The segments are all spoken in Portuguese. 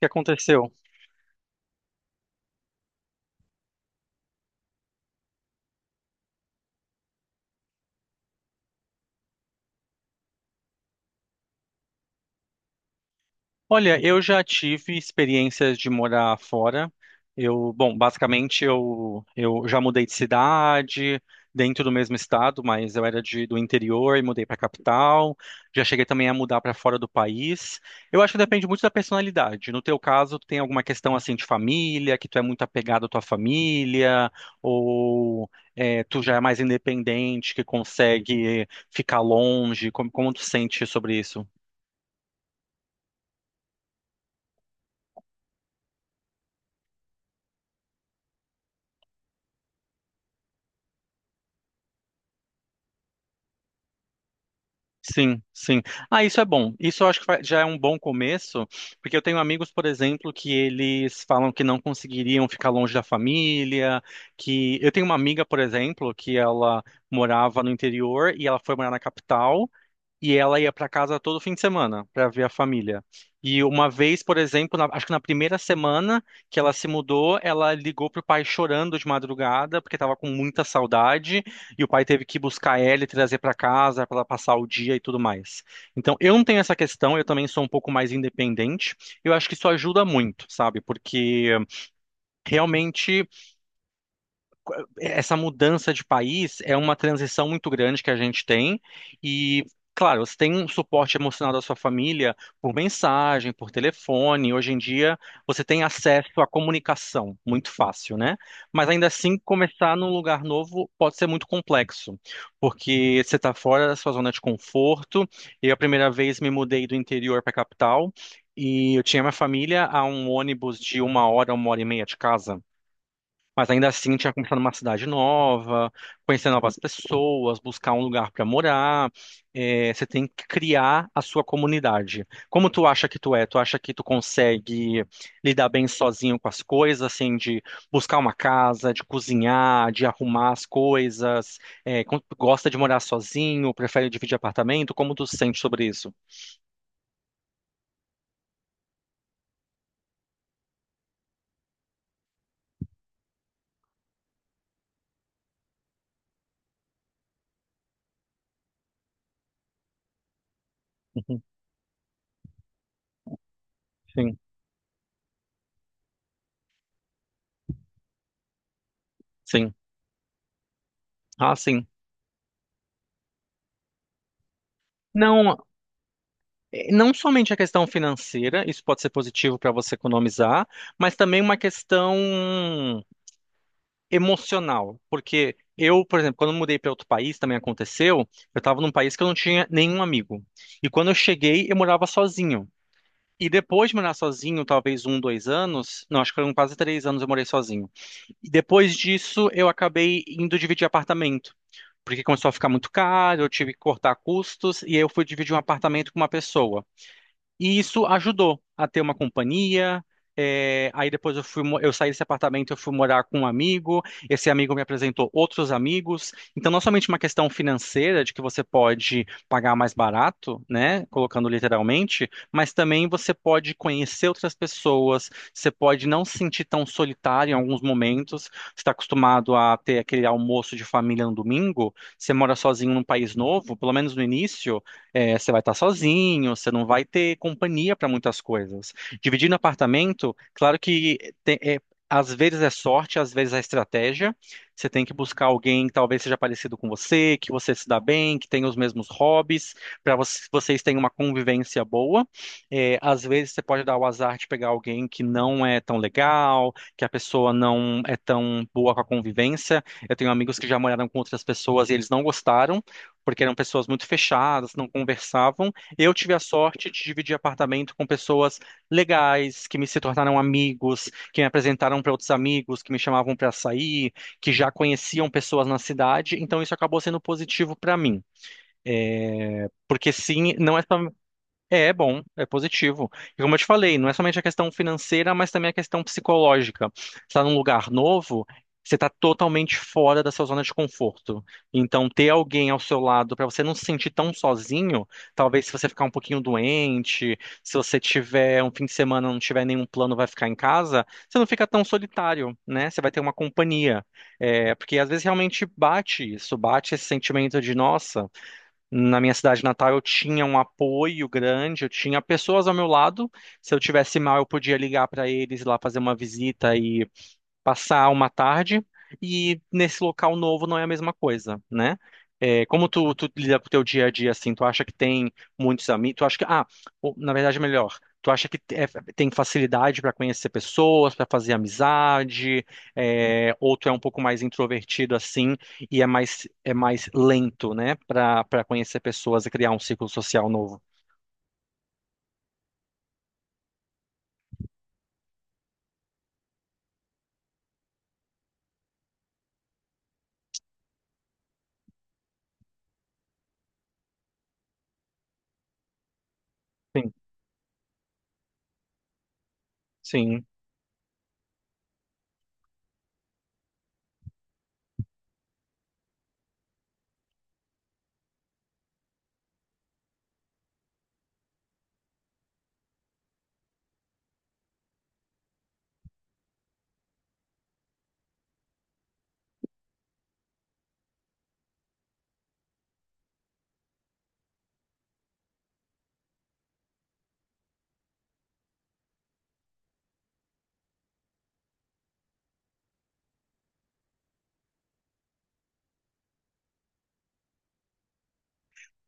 Que aconteceu? Olha, eu já tive experiências de morar fora. Eu, bom, basicamente eu já mudei de cidade, dentro do mesmo estado, mas eu era de, do interior e mudei para a capital. Já cheguei também a mudar para fora do país. Eu acho que depende muito da personalidade. No teu caso, tu tem alguma questão assim de família, que tu é muito apegado à tua família, ou é, tu já é mais independente, que consegue ficar longe? Como tu sente sobre isso? Sim, sim. Ah, isso é bom. Isso eu acho que vai- já é um bom começo, porque eu tenho amigos, por exemplo, que eles falam que não conseguiriam ficar longe da família, que eu tenho uma amiga, por exemplo, que ela morava no interior e ela foi morar na capital. E ela ia para casa todo fim de semana para ver a família. E uma vez, por exemplo, na- acho que na primeira semana que ela se mudou, ela ligou pro pai chorando de madrugada porque estava com muita saudade e o pai teve que buscar ela e trazer para casa para ela passar o dia e tudo mais. Então, eu não tenho essa questão, eu também sou um pouco mais independente. Eu acho que isso ajuda muito, sabe? Porque realmente essa mudança de país é uma transição muito grande que a gente tem e claro, você tem um suporte emocional da sua família por mensagem, por telefone. Hoje em dia, você tem acesso à comunicação muito fácil, né? Mas ainda assim, começar num lugar novo pode ser muito complexo, porque você está fora da sua zona de conforto. Eu, a primeira vez, me mudei do interior para a capital e eu tinha minha família a um ônibus de uma hora e meia de casa. Mas ainda assim, tinha começado numa cidade nova, conhecer novas pessoas, buscar um lugar para morar. É, você tem que criar a sua comunidade. Como tu acha que tu é? Tu acha que tu consegue lidar bem sozinho com as coisas, assim, de buscar uma casa, de cozinhar, de arrumar as coisas? É, con- gosta de morar sozinho? Prefere dividir apartamento? Como tu se sente sobre isso? Uhum, sim, sim. Ah, sim. Não, não somente a questão financeira, isso pode ser positivo para você economizar, mas também uma questão emocional, porque eu, por exemplo, quando eu mudei para outro país, também aconteceu, eu estava num país que eu não tinha nenhum amigo. E quando eu cheguei, eu morava sozinho. E depois de morar sozinho, talvez um, dois anos, não, acho que foram quase três anos eu morei sozinho. E depois disso, eu acabei indo dividir apartamento porque começou a ficar muito caro, eu tive que cortar custos, e aí eu fui dividir um apartamento com uma pessoa. E isso ajudou a ter uma companhia. É, aí depois eu fui, mo- eu saí desse apartamento, eu fui morar com um amigo. Esse amigo me apresentou outros amigos. Então, não somente uma questão financeira de que você pode pagar mais barato, né, colocando literalmente, mas também você pode conhecer outras pessoas. Você pode não se sentir tão solitário em alguns momentos. Você está acostumado a ter aquele almoço de família no domingo. Você mora sozinho num país novo, pelo menos no início. É, você vai estar sozinho, você não vai ter companhia para muitas coisas. Dividindo apartamento, claro que te- é, às vezes é sorte, às vezes é estratégia. Você tem que buscar alguém que talvez seja parecido com você, que você se dá bem, que tenha os mesmos hobbies, para vocês tenham uma convivência boa. É, às vezes você pode dar o azar de pegar alguém que não é tão legal, que a pessoa não é tão boa com a convivência. Eu tenho amigos que já moraram com outras pessoas e eles não gostaram porque eram pessoas muito fechadas, não conversavam. Eu tive a sorte de dividir apartamento com pessoas legais, que me se tornaram amigos, que me apresentaram para outros amigos, que me chamavam para sair, que já conheciam pessoas na cidade. Então isso acabou sendo positivo para mim. É, porque sim, não é só é, é bom, é positivo. E como eu te falei, não é somente a questão financeira, mas também a questão psicológica. Você está num lugar novo, você está totalmente fora da sua zona de conforto. Então, ter alguém ao seu lado para você não se sentir tão sozinho, talvez se você ficar um pouquinho doente, se você tiver um fim de semana, não tiver nenhum plano, vai ficar em casa, você não fica tão solitário, né? Você vai ter uma companhia. É, porque às vezes realmente bate isso, bate esse sentimento de, nossa. Na minha cidade natal, eu tinha um apoio grande, eu tinha pessoas ao meu lado. Se eu tivesse mal, eu podia ligar para eles lá fazer uma visita e passar uma tarde e nesse local novo não é a mesma coisa, né? É, como tu, tu lida com o teu dia a dia assim, tu acha que tem muitos amigos, tu acha que, ah, o- na verdade é melhor, tu acha que te- é- tem facilidade para conhecer pessoas, para fazer amizade, é, ou tu é um pouco mais introvertido assim e é mais lento, né, para conhecer pessoas e criar um ciclo social novo? Sim, sim,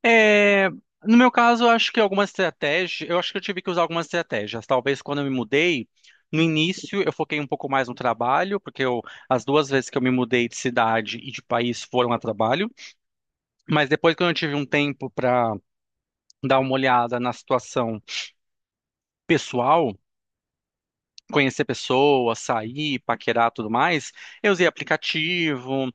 é, no meu caso, eu acho que algumas estratégias, eu acho que eu tive que usar algumas estratégias. Talvez quando eu me mudei, no início eu foquei um pouco mais no trabalho, porque eu, as duas vezes que eu me mudei de cidade e de país foram a trabalho. Mas depois, quando eu tive um tempo para dar uma olhada na situação pessoal, conhecer pessoas, sair, paquerar, tudo mais, eu usei aplicativo,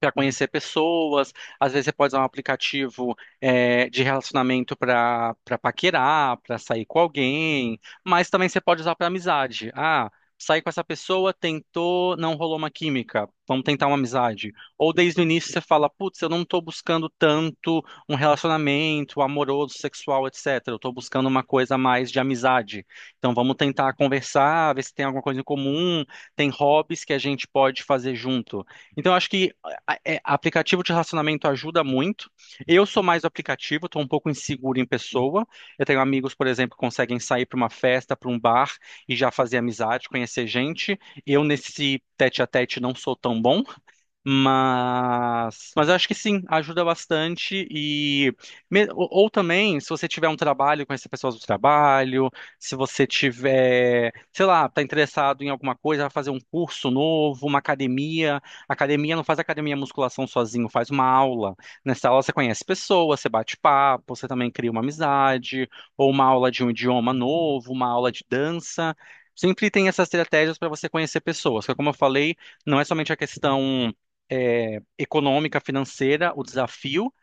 para conhecer pessoas, às vezes você pode usar um aplicativo é, de relacionamento para paquerar, para sair com alguém, mas também você pode usar para amizade. Ah, saí com essa pessoa, tentou, não rolou uma química, vamos tentar uma amizade. Ou desde o início você fala, putz, eu não estou buscando tanto um relacionamento amoroso, sexual, etc. Eu estou buscando uma coisa mais de amizade. Então vamos tentar conversar, ver se tem alguma coisa em comum, tem hobbies que a gente pode fazer junto. Então, eu acho que a- é, aplicativo de relacionamento ajuda muito. Eu sou mais do aplicativo, estou um pouco inseguro em pessoa. Eu tenho amigos, por exemplo, que conseguem sair para uma festa, para um bar e já fazer amizade, conhecer gente. Eu, nesse tete a tete, não sou tão bom. Mas eu acho que sim, ajuda bastante e me- ou também, se você tiver um trabalho, conhecer pessoas do trabalho, se você tiver, sei lá, tá interessado em alguma coisa, vai fazer um curso novo, uma academia, academia não faz academia musculação sozinho, faz uma aula. Nessa aula você conhece pessoas, você bate papo, você também cria uma amizade, ou uma aula de um idioma novo, uma aula de dança. Sempre tem essas estratégias para você conhecer pessoas, que como eu falei, não é somente a questão é, econômica, financeira, o desafio,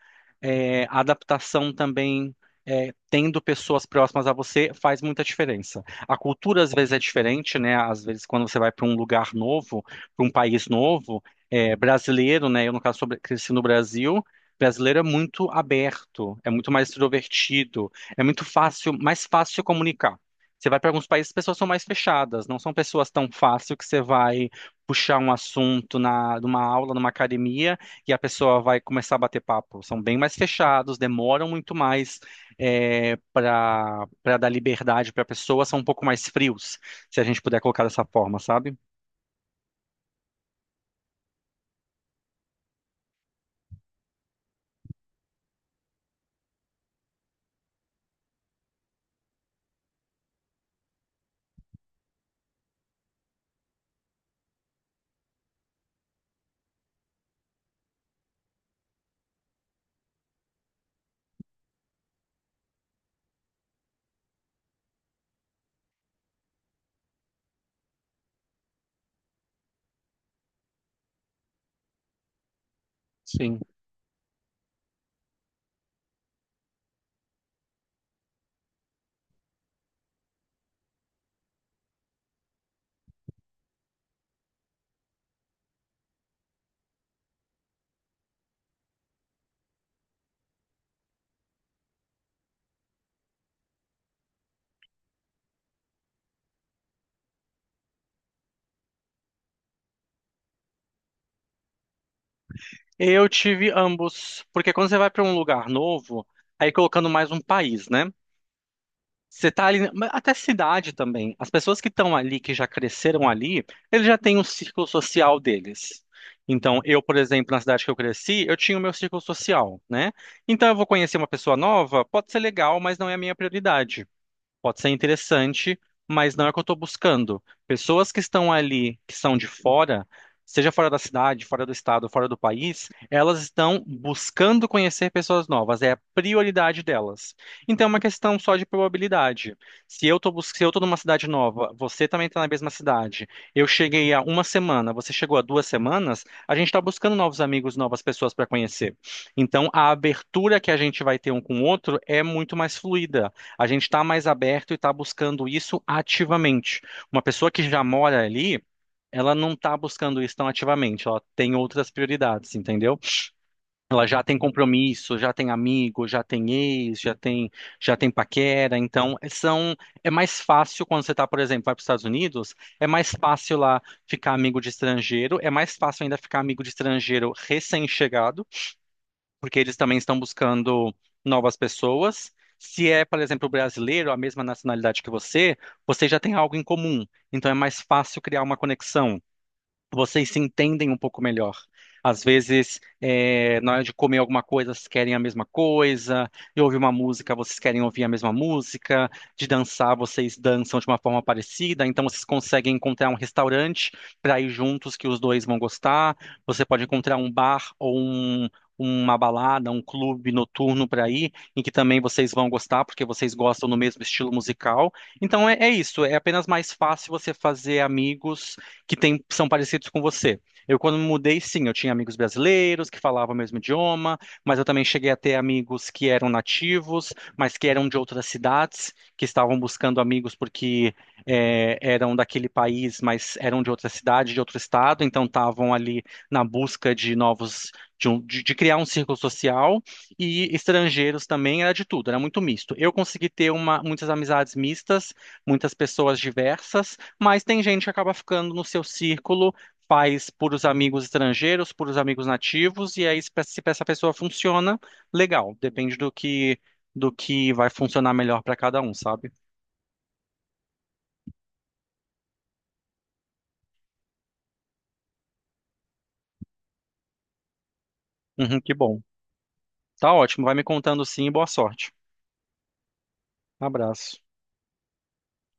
é, a adaptação também, é, tendo pessoas próximas a você, faz muita diferença. A cultura às vezes é diferente, né? Às vezes quando você vai para um lugar novo, para um país novo, é, brasileiro, né? Eu no caso sou, bra- cresci no Brasil. Brasileiro é muito aberto, é muito mais extrovertido, é muito fácil, mais fácil se comunicar. Você vai para alguns países, as pessoas são mais fechadas, não são pessoas tão fácil que você vai puxar um assunto na, numa aula, numa academia que a pessoa vai começar a bater papo. São bem mais fechados, demoram muito mais para dar liberdade para a pessoa, são um pouco mais frios, se a gente puder colocar dessa forma, sabe? Sim. Eu tive ambos, porque quando você vai para um lugar novo, aí colocando mais um país, né? Você tá ali, mas até cidade também. As pessoas que estão ali, que já cresceram ali, eles já têm um círculo social deles. Então, eu, por exemplo, na cidade que eu cresci, eu tinha o meu círculo social, né? Então, eu vou conhecer uma pessoa nova, pode ser legal, mas não é a minha prioridade. Pode ser interessante, mas não é o que eu estou buscando. Pessoas que estão ali, que são de fora, seja fora da cidade, fora do estado, fora do país, elas estão buscando conhecer pessoas novas, é a prioridade delas. Então é uma questão só de probabilidade. Se eu estou se eu tô numa cidade nova, você também está na mesma cidade, eu cheguei há uma semana, você chegou há duas semanas, a gente está buscando novos amigos, novas pessoas para conhecer. Então a abertura que a gente vai ter um com o outro é muito mais fluida. A gente está mais aberto e está buscando isso ativamente. Uma pessoa que já mora ali, ela não está buscando isso tão ativamente, ela tem outras prioridades, entendeu? Ela já tem compromisso, já tem amigo, já tem ex, já tem paquera, então são, é mais fácil quando você está, por exemplo, vai para os Estados Unidos, é mais fácil lá ficar amigo de estrangeiro, é mais fácil ainda ficar amigo de estrangeiro recém-chegado porque eles também estão buscando novas pessoas. Se é, por exemplo, brasileiro, a mesma nacionalidade que você, você já tem algo em comum. Então é mais fácil criar uma conexão vocês se entendem um pouco melhor. Às vezes, na hora de comer alguma coisa, vocês querem a mesma coisa, de ouvir uma música, vocês querem ouvir a mesma música, de dançar, vocês dançam de uma forma parecida, então vocês conseguem encontrar um restaurante para ir juntos que os dois vão gostar, você pode encontrar um bar ou um- uma balada, um clube noturno para ir, em que também vocês vão gostar, porque vocês gostam do mesmo estilo musical. Então é isso, é apenas mais fácil você fazer amigos que tem, são parecidos com você. Eu, quando me mudei, sim, eu tinha amigos brasileiros que falavam o mesmo idioma, mas eu também cheguei a ter amigos que eram nativos, mas que eram de outras cidades, que estavam buscando amigos porque eram daquele país, mas eram de outra cidade, de outro estado, então estavam ali na busca de novos, de, um- de criar um círculo social, e estrangeiros também, era de tudo, era muito misto. Eu consegui ter uma, muitas amizades mistas, muitas pessoas diversas, mas tem gente que acaba ficando no seu círculo, faz por os amigos estrangeiros, por os amigos nativos, e aí se pe- se essa pessoa funciona, legal. Depende do que vai funcionar melhor para cada um, sabe? Uhum, que bom. Tá ótimo. Vai me contando sim. Boa sorte. Abraço.